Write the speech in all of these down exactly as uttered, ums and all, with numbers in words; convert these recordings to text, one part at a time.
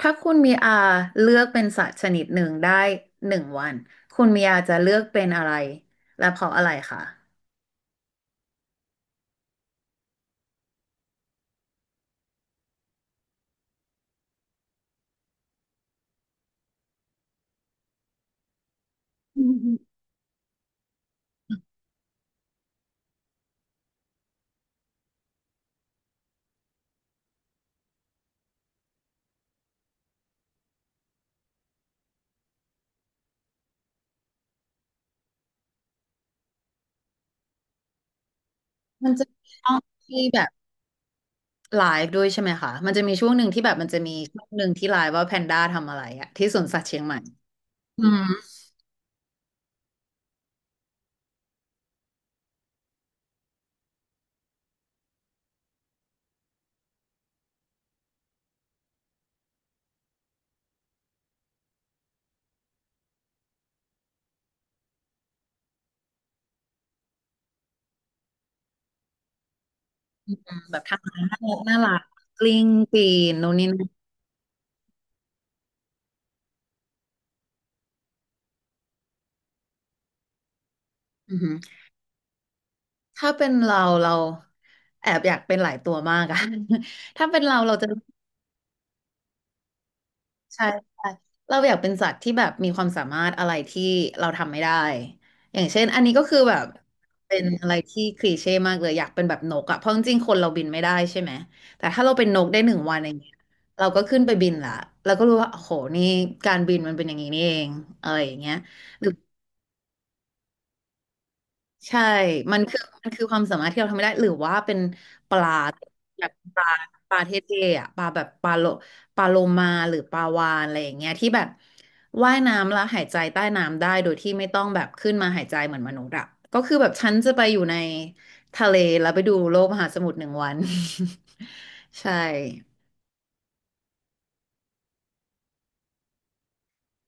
ถ้าคุณมีอาเลือกเป็นสัตว์ชนิดหนึ่งได้หนึ่งวันคุณมีอาจะเลือกเป็นอะไรและเพราะอะไรคะมันจะมีช่องที่แบบไลฟ์ด้วยใช่ไหมคะมันจะมีช่วงหนึ่งที่แบบมันจะมีช่วงหนึ่งที่ไลฟ์ว่าแพนด้าทำอะไรอะที่สวนสัตว์เชียงใหม่อืมแบบทำอะไรน่ารักน่ารักกลิ้งปีนนู่นนี่นั่นอือหือถ้าเป็นเราเราแอบอยากเป็นหลายตัวมากอะ ถ้าเป็นเราเราจะ ใช่ใช่เราอยากเป็นสัตว์ที่แบบมีความสามารถอะไรที่เราทำไม่ได้อย่างเช่นอันนี้ก็คือแบบเป็นอะไรที่คลีเช่มากเลยอยากเป็นแบบนกอะเพราะจริงๆคนเราบินไม่ได้ใช่ไหมแต่ถ้าเราเป็นนกได้หนึ่งวันอย่างเงี้ยเราก็ขึ้นไปบินละเราก็รู้ว่าโอ้โหนี่การบินมันเป็นอย่างนี้นี่เองอะไรอย่างเงี้ย ใช่มันคือมันคือความสามารถที่เราทำไม่ได้หรือว่าเป็นปลาแบบปลาปลาเท่ๆอ่ะปลาแบบปลาโลปลาโลมาหรือปลาวาฬอะไรอย่างเงี้ยที่แบบว่ายน้ำแล้วหายใจใต้น้ำได้โดยที่ไม่ต้องแบบขึ้นมาหายใจเหมือนมนุษย์อ่ะก็คือแบบฉันจะไปอยู่ในทะเลแล้วไปดูโลกมหาสมุทรหนึ่งวัน ใช่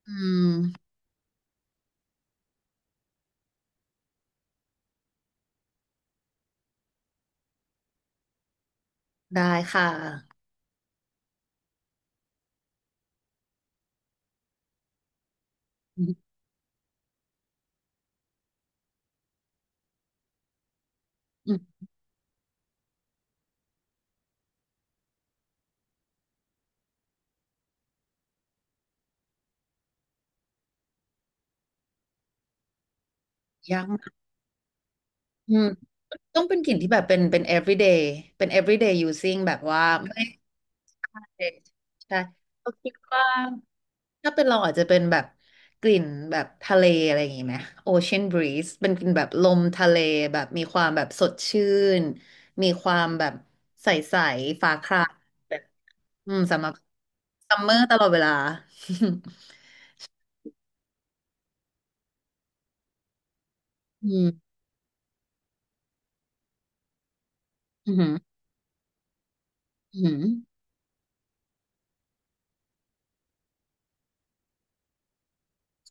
อืมได้ค่ะอืมอืมยังอืมต้องเป็นกลิ่นที่แบบเป็นเป็น everyday เป็น เอฟริเดย์ ยูสซิ่ง แบบว่า เด็กใช่เราคิดว่าถ้าเป็นเราอาจจะเป็นแบบกลิ่นแบบทะเลอะไรอย่างงี้ไหมโอเชียนบรีซเป็นกลิ่นแบบลมทะเลแบบมีความแบบสดชื่นมีความแบบใสๆฟ้าคราแบบอืมสำหรับซัมเมอร์ตลอดเวลา อืมอืมอืม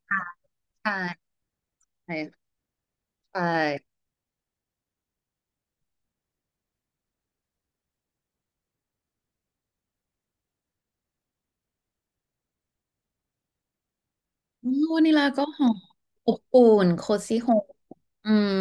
ค่ะใช่ใช่ใช่อืมวานิลาก็หอมอบอุ่นโคซี่โฮมอืม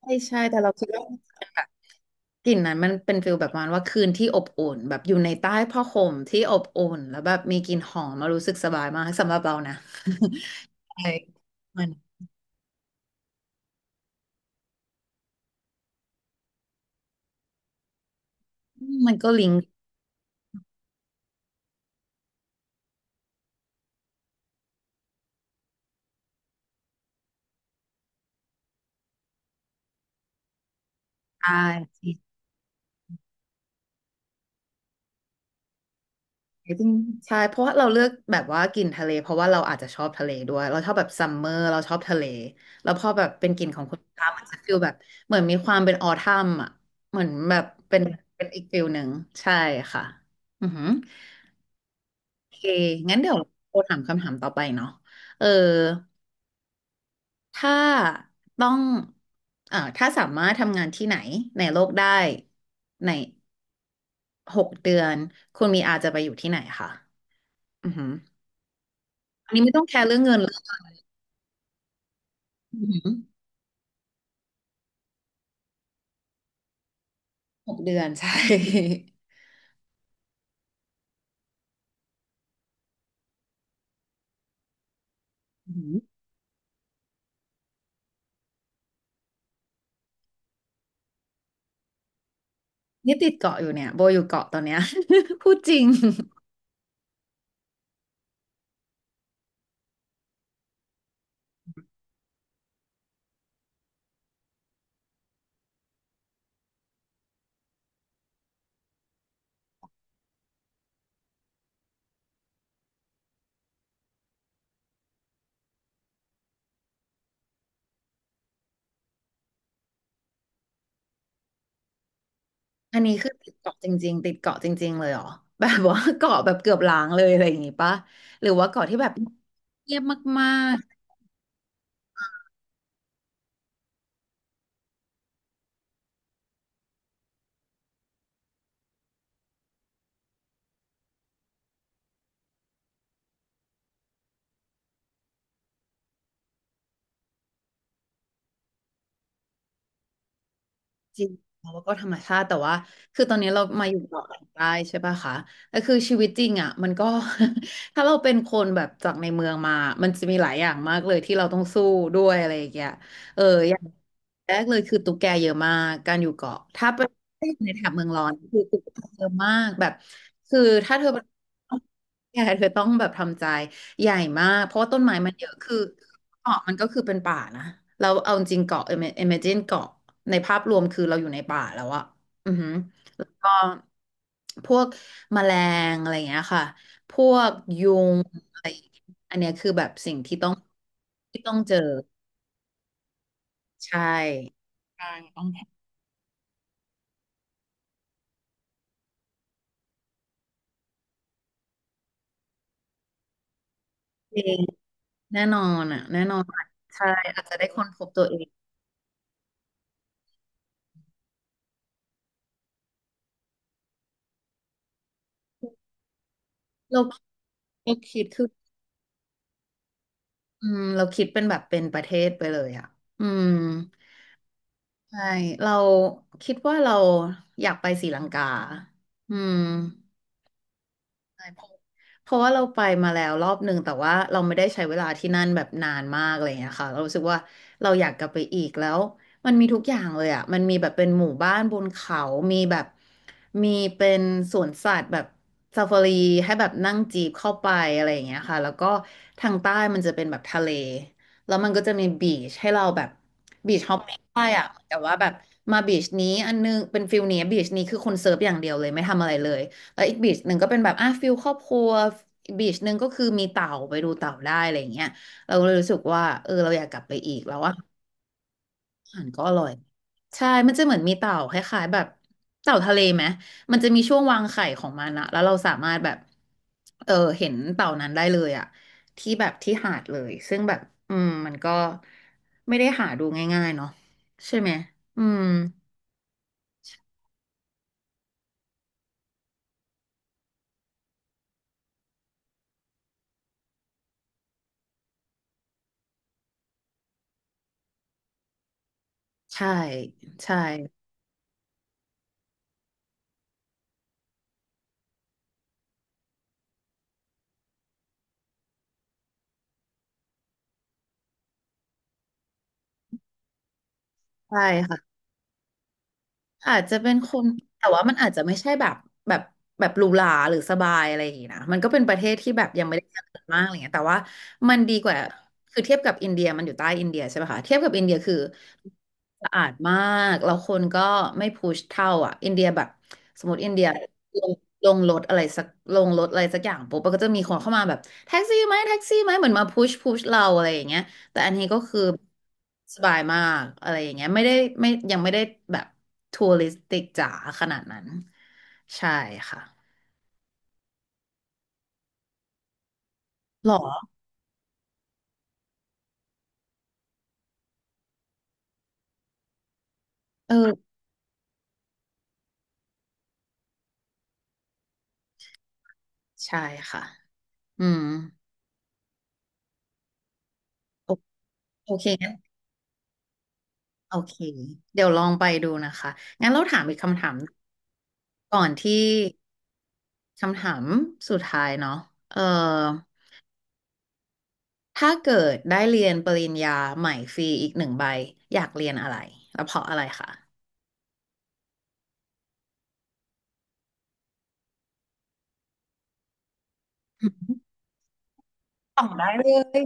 ใช่ใช่แต่เราคิดว่า กลิ่นนั้นมันเป็นฟิลแบบประมาณว่าคืนที่อบอุ่นแบบอยู่ในใต้ผ้าห่มที่อบอุ่นแล้วแบบมีกลิ่นหอมมารู้สึกสบายมากสำหรับเรานะ ใช่มันมันก็ลิงก์ได้จริงๆใช่เพราะว่าเราเลือกแบบว่ากลิ่นทะเลเพราะว่าเราอาจจะชอบทะเลด้วยเราชอบแบบซัมเมอร์เราชอบทะเลแล้วพอแบบเป็นกลิ่นของคุณตามันจะฟิลแบบเหมือนมีความเป็นออทัมอ่ะเหมือนแบบเป็นเป็นอีกฟิลหนึ่งใช่ค่ะอือหือโอเคงั้นเดี๋ยวโอถามคำถามต่อไปเนาะเออ ถ้าต้องเอ่อถ้าสามารถทำงานที่ไหนในโลกได้ในหกเดือนคุณมีอาจะไปอยู่ที่ไหนคะอือหืออันนี้ไม่ต้องแคร์เรื่องเงินเลยอือหือหกเดือนใช่อืมนี่ติดเกาะอยู่เนี่ยโบอยู่เกาะตอนเนี้ย พูดจริงอันนี้คือติดเกาะจริงๆติดเกาะจริงๆเลยเหรอแบบว่าเกาะแบบเกือบล้างเลยอะไรอย่างงี้ปะหรือว่าเกาะที่แบบเงียบมาก จริงแล้วก็ธรรมชาติแต่ว่าคือตอนนี้เรามาอยู่เกาะกลางใต้ใช่ป่ะคะแต่คือชีวิตจริงอ่ะมันก็ ถ้าเราเป็นคนแบบจากในเมืองมามันจะมีหลายอย่างมากเลยที่เราต้องสู้ด้วยอะไรอย่างเงี้ยเอออย่างแรกเลยคือตุ๊กแกเยอะมากการอยู่เกาะถ้าไปในแถบเมืองร้อนคือตุ๊กแกเยอะมากแบบคือถ้าเธอเป็นตุ๊กแกเธอต้องแบบทำใจใหญ่มากเพราะว่าต้นไม้มันเยอะคือเกาะมันก็คือเป็นป่านะเราเอาจริงเกาะ อิแมจิน เกาะ ในภาพรวมคือเราอยู่ในป่าแล้วอะอือหือแล้วก็พวกแมลงอะไรอย่างเงี้ยค่ะ พวกยุงอะไรอย่างเงี้ยอันเนี้ยคือแบบสิ่งที่ต้องที่ต้องเจอ ใช่ใช่ต้องเองแน่นอนอ่ะแน่นอนอใช่อาจจะได้ค้นพบตัวเอง เราเราคิดคืออืมเราคิดเป็นแบบเป็นประเทศไปเลยอ่ะอืมใช่เราคิดว่าเราอยากไปศรีลังกาอืม ใช่เพราะเพราะว่าเราไปมาแล้วรอบหนึ่งแต่ว่าเราไม่ได้ใช้เวลาที่นั่นแบบนานมากอะไรอย่างเงี้ยค่ะเรารู้สึกว่าเราอยากกลับไปอีกแล้วมันมีทุกอย่างเลยอ่ะมันมีแบบเป็นหมู่บ้านบนเขามีแบบมีเป็นสวนสัตว์แบบซาฟารีให้แบบนั่งจีบเข้าไปอะไรอย่างเงี้ยค่ะแล้วก็ทางใต้มันจะเป็นแบบทะเลแล้วมันก็จะมีบีชให้เราแบบบีชฮอปปิ้งได้อ่ะแต่ว่าแบบมาบีชนี้อันนึงเป็นฟิลนี้บีชนี้คือคนเซิร์ฟอย่างเดียวเลยไม่ทำอะไรเลย แล้วอีกบีชหนึ่งก็เป็นแบบอ่ะฟิลครอบครัวอีกบีชหนึ่งก็คือมีเต่าไปดูเต่าได้อะไรอย่างเงี้ยเราเลยรู้สึกว่าเออเราอยากกลับไปอีกแล้วว่าอาหารก็อร่อยใช่มันจะเหมือนมีเต่าคล้ายๆแบบเต่าทะเลไหมมันจะมีช่วงวางไข่ของมันอะแล้วเราสามารถแบบเออเห็นเต่านั้นได้เลยอะที่แบบที่หาดเลยซึ่งแบบอืมมันก็ไม่ได้หาดูง่ายๆเนาะใช่ไหมอืมใช่ใช่ใช่ค่ะ อาจจะเป็นคนแต่ว่ามันอาจจะไม่ใช่แบบแบบแบบหรูหราหรือสบายอะไรอย่างงี้นะมันก็เป็นประเทศที่แบบยังไม่ได้เจริญมากอะไรเงี้ยแต่ว่ามันดีกว่าคือเทียบกับอินเดียมันอยู่ใต้อินเดียใช่ไหมคะเทียบกับอินเดียคือสะอาดมากแล้วคนก็ไม่พุชเท่าอ่ะอินเดียแบบสมมติอินเดียลงลงรถอะไรสักลงรถอะไรสักอย่างปุ๊บมันก็จะมีคนเข้ามาแบบแท็กซี่ไหมแท็กซี่ไหมเหมือนมาพุชพุชเราอะไรอย่างเงี้ย แต่อันนี้ก็คือสบายมากอะไรอย่างเงี้ยไม่ได้ไม่ยังไม่ได้แบบทัวริสติกจ๋าขนาดนั้นใช่ค่ะหรอเออใช่ค่ะอืมโอโอเคงั้นโอเคเดี๋ยวลองไปดูนะคะงั้นเราถามอีกคำถามก่อนที่คำถามสุดท้ายเนาะเออถ้าเกิดได้เรียนปริญญาใหม่ฟรีอีกหนึ่งใบอยากเรียนอะไรแล้วเพราะอะไรคะตอบได้เลย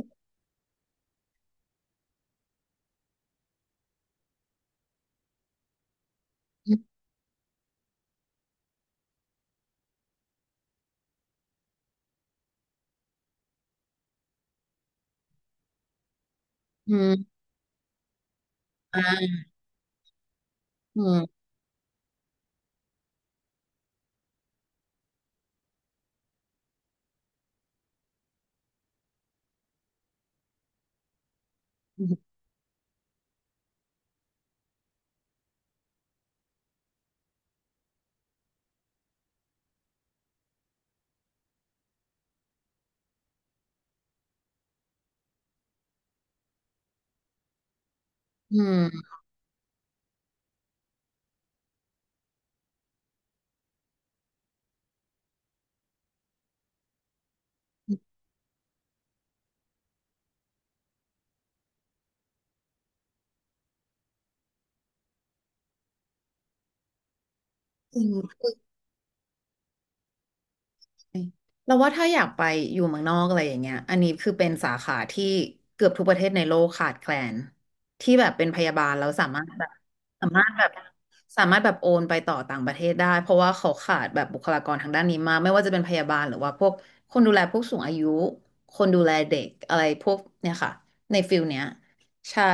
อืมอ่าอืม อืมจริงเลยเราว่าถ้าอยากไปอยู่เมืองนอกอะไรอย่างเงี้ยอันนี้คือเป็นสาขาที่เกือบทุกประเทศในโลกขาดแคลนที่แบบเป็นพยาบาลแล้วสามารถแบบสามารถแบบสามารถแบบโอนไปต่อต่างประเทศได้เพราะว่าเขาขาดแบบบุคลากรทางด้านนี้มากไม่ว่าจะเป็นพยาบาลหรือว่าพวกคนดูแลผู้สูงอายุคนดูแลเด็กอะไรพวกเนี่ยค่ะในฟิลเนี้ยใช่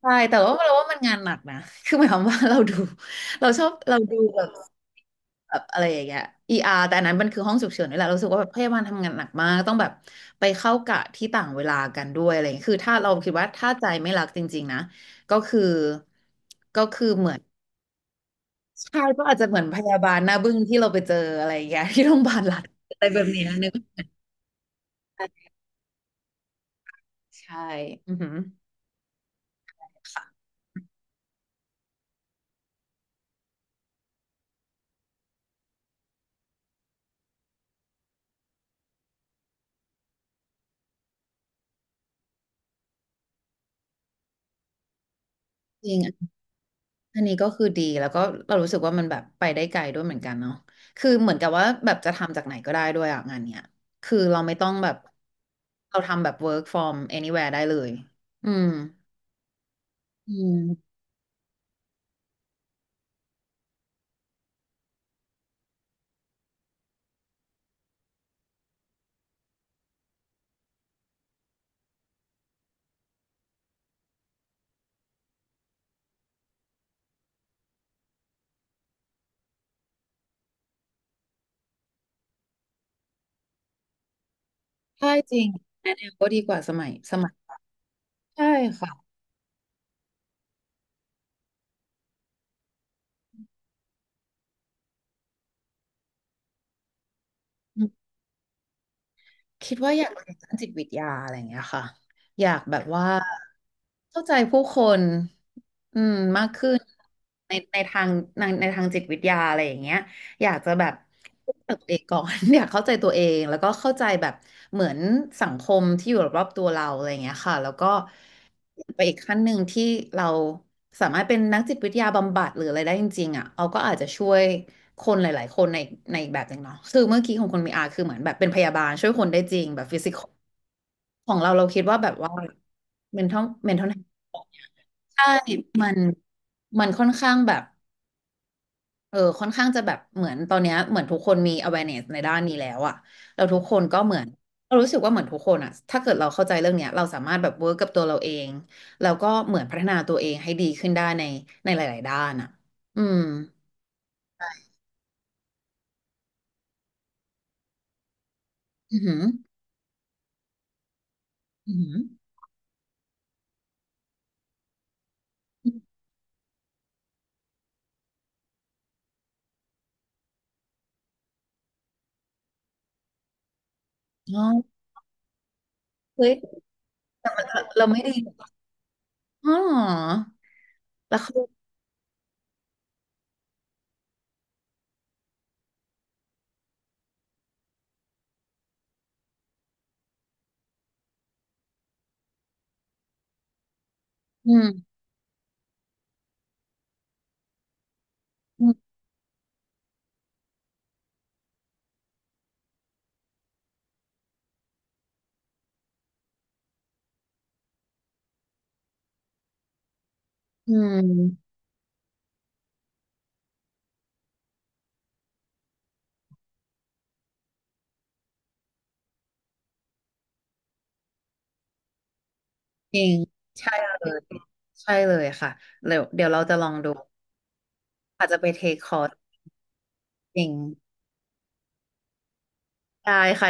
ใช่แต่ว่าเราว่ามันงานหนักนะ คือหมายความว่าเราดู เราชอบเราดูแบบแบบอะไรอย่างเงี้ย อี อาร์ แต่อันนั้นมันคือห้องฉุกเฉินนี่แหละเรารู้สึกว่าแบบพยาบาลทำงานหนักมากต้องแบบไปเข้ากะที่ต่างเวลากันด้วยอะไรอย่างเงี้ยคือถ้าเราคิดว่าถ้าใจไม่รักจริงๆนะก็คือก็คือเหมือนใช่ก็อาจจะเหมือนพยาบาลหน้าบึ้งที่เราไปเจออะไรอย่างเงี้ย ที่โรงพยาบาลรัฐอะไรแบบเนี้ยนึกว่าใช่ใช่อือหือจริง อันนี้ก็คือดีแล้วก็เรารู้สึกว่ามันแบบไปได้ไกลด้วยเหมือนกันเนาะคือเหมือนกับว่าแบบจะทำจากไหนก็ได้ด้วยอะงานเนี้ย คือเราไม่ต้องแบบเราทำแบบ work from anywhere ได้เลย อืมอืมใช่จริงก็ดีกว่าสมัยสมัยใช่ค่ะอื คิดว่าอยากเรียนด้านจิตวิทยาอะไรอย่างเงี้ยค่ะอยากแบบว่าเข้าใจผู้คนอืมมากขึ้นในในทางในในทางจิตวิทยาอะไรอย่างเงี้ยอยากจะแบบเข้าใจตัวเองก่อน อยากเข้าใจตัวเองแล้วก็เข้าใจแบบเหมือนสังคมที่อยู่รอบๆตัวเราอะไรอย่างเงี้ยค่ะแล้วก็ไปอีกขั้นหนึ่งที่เราสามารถเป็นนักจิตวิทยาบำบัดหรืออะไรได้จริงๆอ่ะเอาก็อาจจะช่วย คนหลาย ๆ คนในในอีกแบบหนึ่งเนาะคือเมื่อกี้ของคนมีอาคือเหมือนแบบเป็นพยาบาลช่วยคนได้จริงแบบฟิสิกของเราเราคิดว่าแบบว่า mental mental health ใช่มันมันค่อนข้างแบบเออค่อนข้างจะแบบเหมือนตอนเนี้ยเหมือนทุกคนมี awareness ในด้านนี้แล้วอะเราทุกคนก็เหมือนเรารู้สึกว่าเหมือนทุกคนอะถ้าเกิดเราเข้าใจเรื่องเนี้ยเราสามารถแบบ work กับตัวเราเองแล้วก็เหมือนพัฒนาตัวเองให้ดีขึ้นได้ในในหลายๆด้านอะอืมอือหืออือหืออ๋อเฮ้ยเราไม่ดี อ๋อเหรอแล้วเขาอืมอืมอืมจริงใช่เลยใช่เลยค่ะ เดี๋ยวเดี๋ยวเราจะลองดูอาจจะไปเทคคอร์สจริงได้ค่ะ